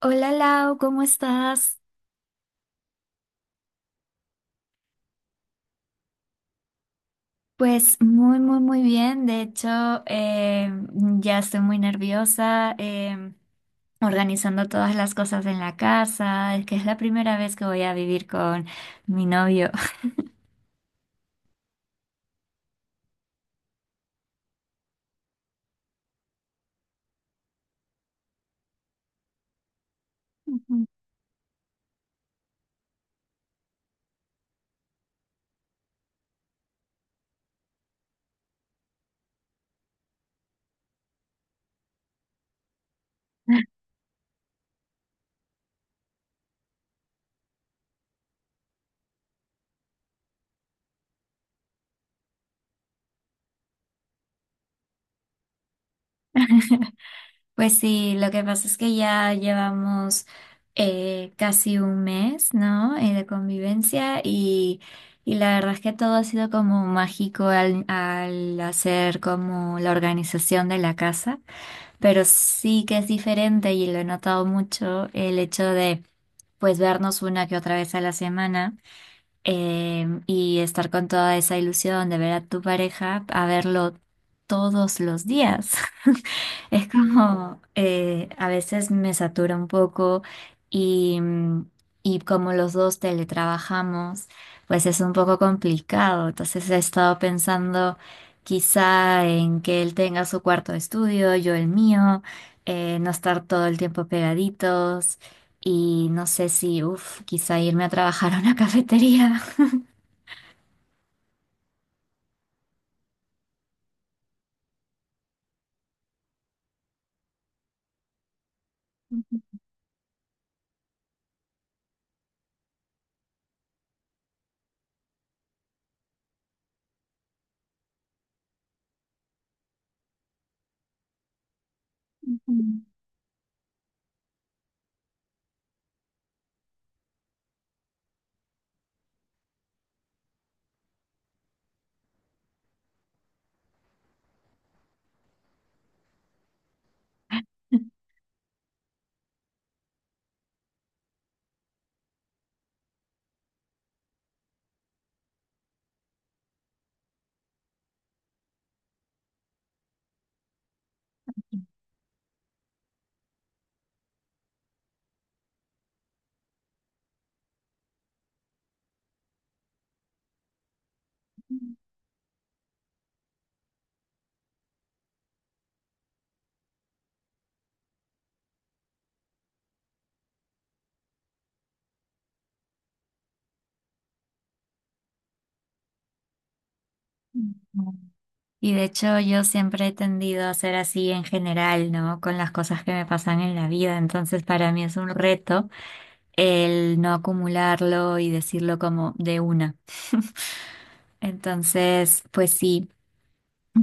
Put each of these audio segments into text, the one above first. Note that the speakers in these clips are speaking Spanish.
Hola Lau, ¿cómo estás? Pues muy, muy, muy bien. De hecho, eh, ya estoy muy nerviosa organizando todas las cosas en la casa. Es que es la primera vez que voy a vivir con mi novio. Ujú. Pues sí, lo que pasa es que ya llevamos casi un mes, ¿no? De convivencia y la verdad es que todo ha sido como mágico al hacer como la organización de la casa. Pero sí que es diferente y lo he notado mucho el hecho de pues vernos una que otra vez a la semana, y estar con toda esa ilusión de ver a tu pareja a verlo todos los días. Es como a veces me satura un poco y, mm, y como los dos teletrabajamos, pues es un poco complicado. Entonces he estado pensando quizá en que él tenga su cuarto de estudio, yo el mío, no estar todo el tiempo pegaditos y no sé si, uff, quizá irme a trabajar a una cafetería. Y de hecho yo siempre he tendido a ser así en general, ¿no? Con las cosas que me pasan en la vida. Entonces para mí es un reto el no acumularlo y decirlo como de una. Entonces, pues sí,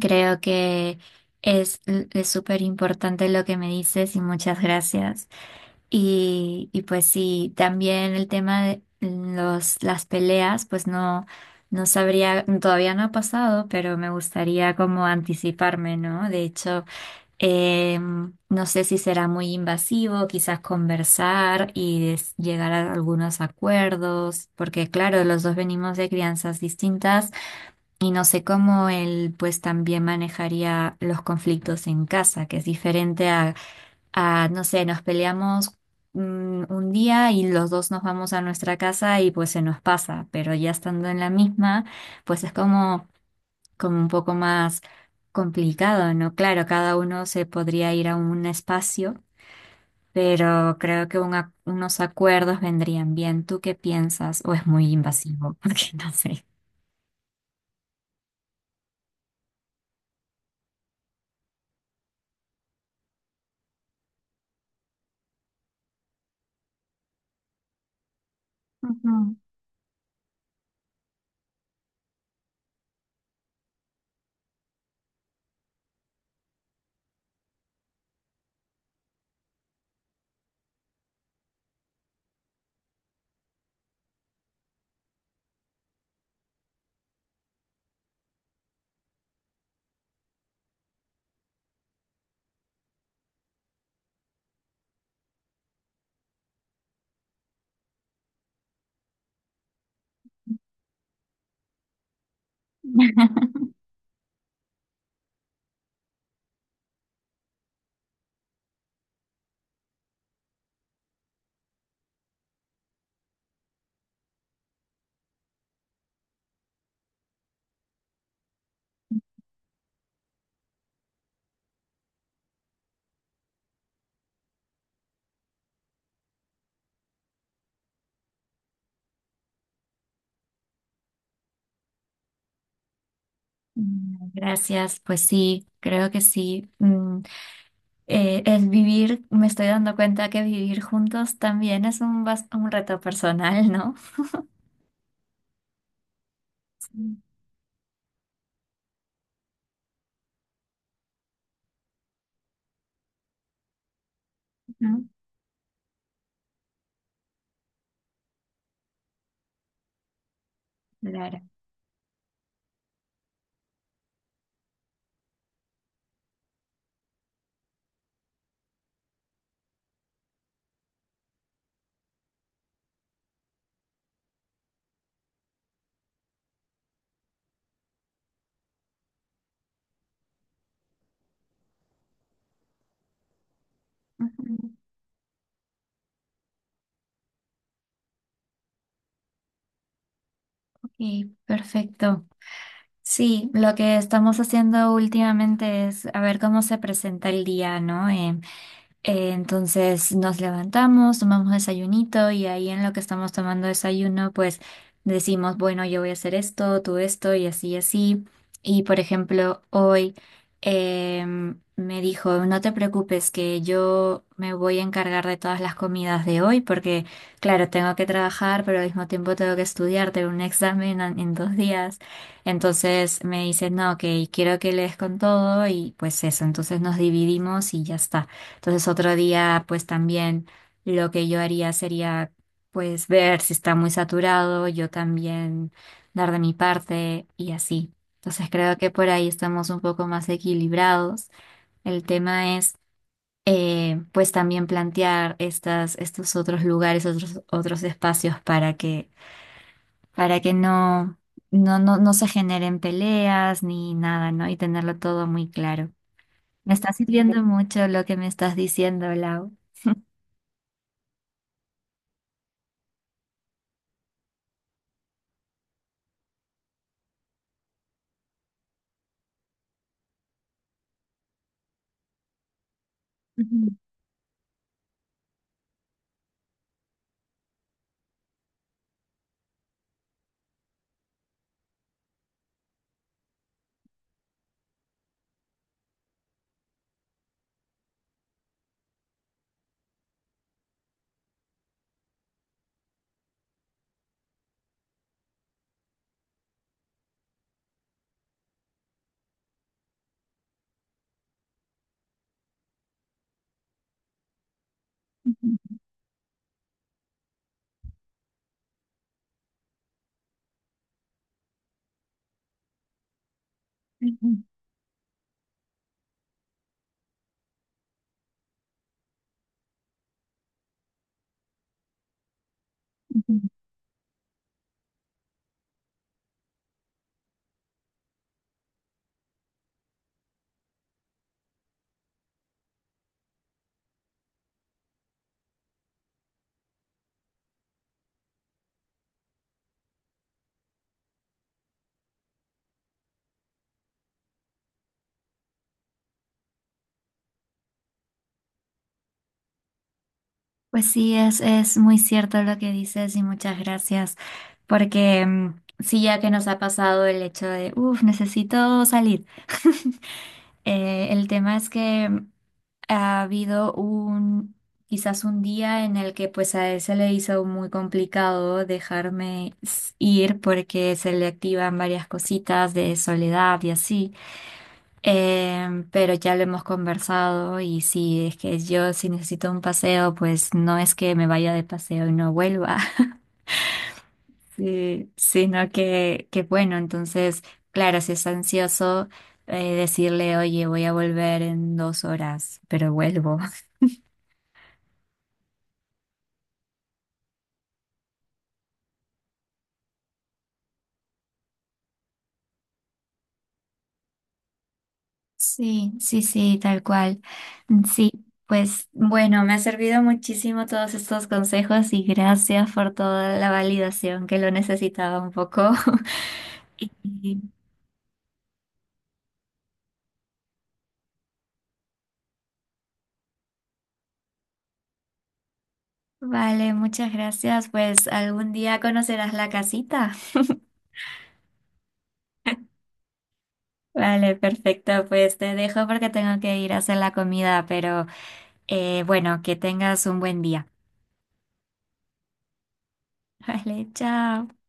creo que es súper importante lo que me dices y muchas gracias. Y pues sí, también el tema de las peleas, pues no. No sabría, todavía no ha pasado, pero me gustaría como anticiparme, ¿no? De hecho, eh, no sé si será muy invasivo, quizás conversar y llegar a algunos acuerdos, porque claro, los dos venimos de crianzas distintas y no sé cómo él pues también manejaría los conflictos en casa, que es diferente a no sé, nos peleamos un día y los dos nos vamos a nuestra casa y pues se nos pasa, pero ya estando en la misma, pues es como un poco más complicado, ¿no? Claro, cada uno se podría ir a un espacio, pero creo que unos acuerdos vendrían bien. ¿Tú qué piensas? ¿O es muy invasivo? Porque no sé. Ujú. Gracias, pues sí, creo que sí. El vivir, me estoy dando cuenta que vivir juntos también es un reto personal, ¿no? Sí. Ujú. Claro. Ujú. Ok, perfecto. Sí, lo que estamos haciendo últimamente es a ver cómo se presenta el día, ¿no? Entonces nos levantamos, tomamos desayunito y ahí en lo que estamos tomando desayuno, pues decimos, bueno, yo voy a hacer esto, tú esto y así y así. Y por ejemplo, hoy me dijo, no te preocupes que yo me voy a encargar de todas las comidas de hoy porque, claro, tengo que trabajar, pero al mismo tiempo tengo que estudiar, tengo un examen en 2 días. Entonces me dice, no, ok, quiero que le des con todo y pues eso, entonces nos dividimos y ya está. Entonces otro día, pues también lo que yo haría sería, pues ver si está muy saturado, yo también dar de mi parte y así. Entonces creo que por ahí estamos un poco más equilibrados. El tema es, pues también plantear estos otros lugares, otros espacios para que no se generen peleas ni nada, ¿no? Y tenerlo todo muy claro. Me está sirviendo mucho lo que me estás diciendo, Lau. Ujú, ujú. Pues sí, es muy cierto lo que dices y muchas gracias, porque sí, ya que nos ha pasado el hecho de, uff, necesito salir. El tema es que ha habido quizás un día en el que pues a él se le hizo muy complicado dejarme ir porque se le activan varias cositas de soledad y así. Pero ya lo hemos conversado y si es que yo si necesito un paseo, pues no es que me vaya de paseo y no vuelva, sí, sino que bueno, entonces, claro, si es ansioso, decirle, oye, voy a volver en 2 horas, pero vuelvo. Sí, sí, sí, tal cual. Sí, pues bueno, me ha servido muchísimo todos estos consejos y gracias por toda la validación que lo necesitaba un poco. Y Vale, muchas gracias. Pues algún día conocerás la casita. Vale, perfecto. Pues te dejo porque tengo que ir a hacer la comida, pero bueno, que tengas un buen día. Vale, chao.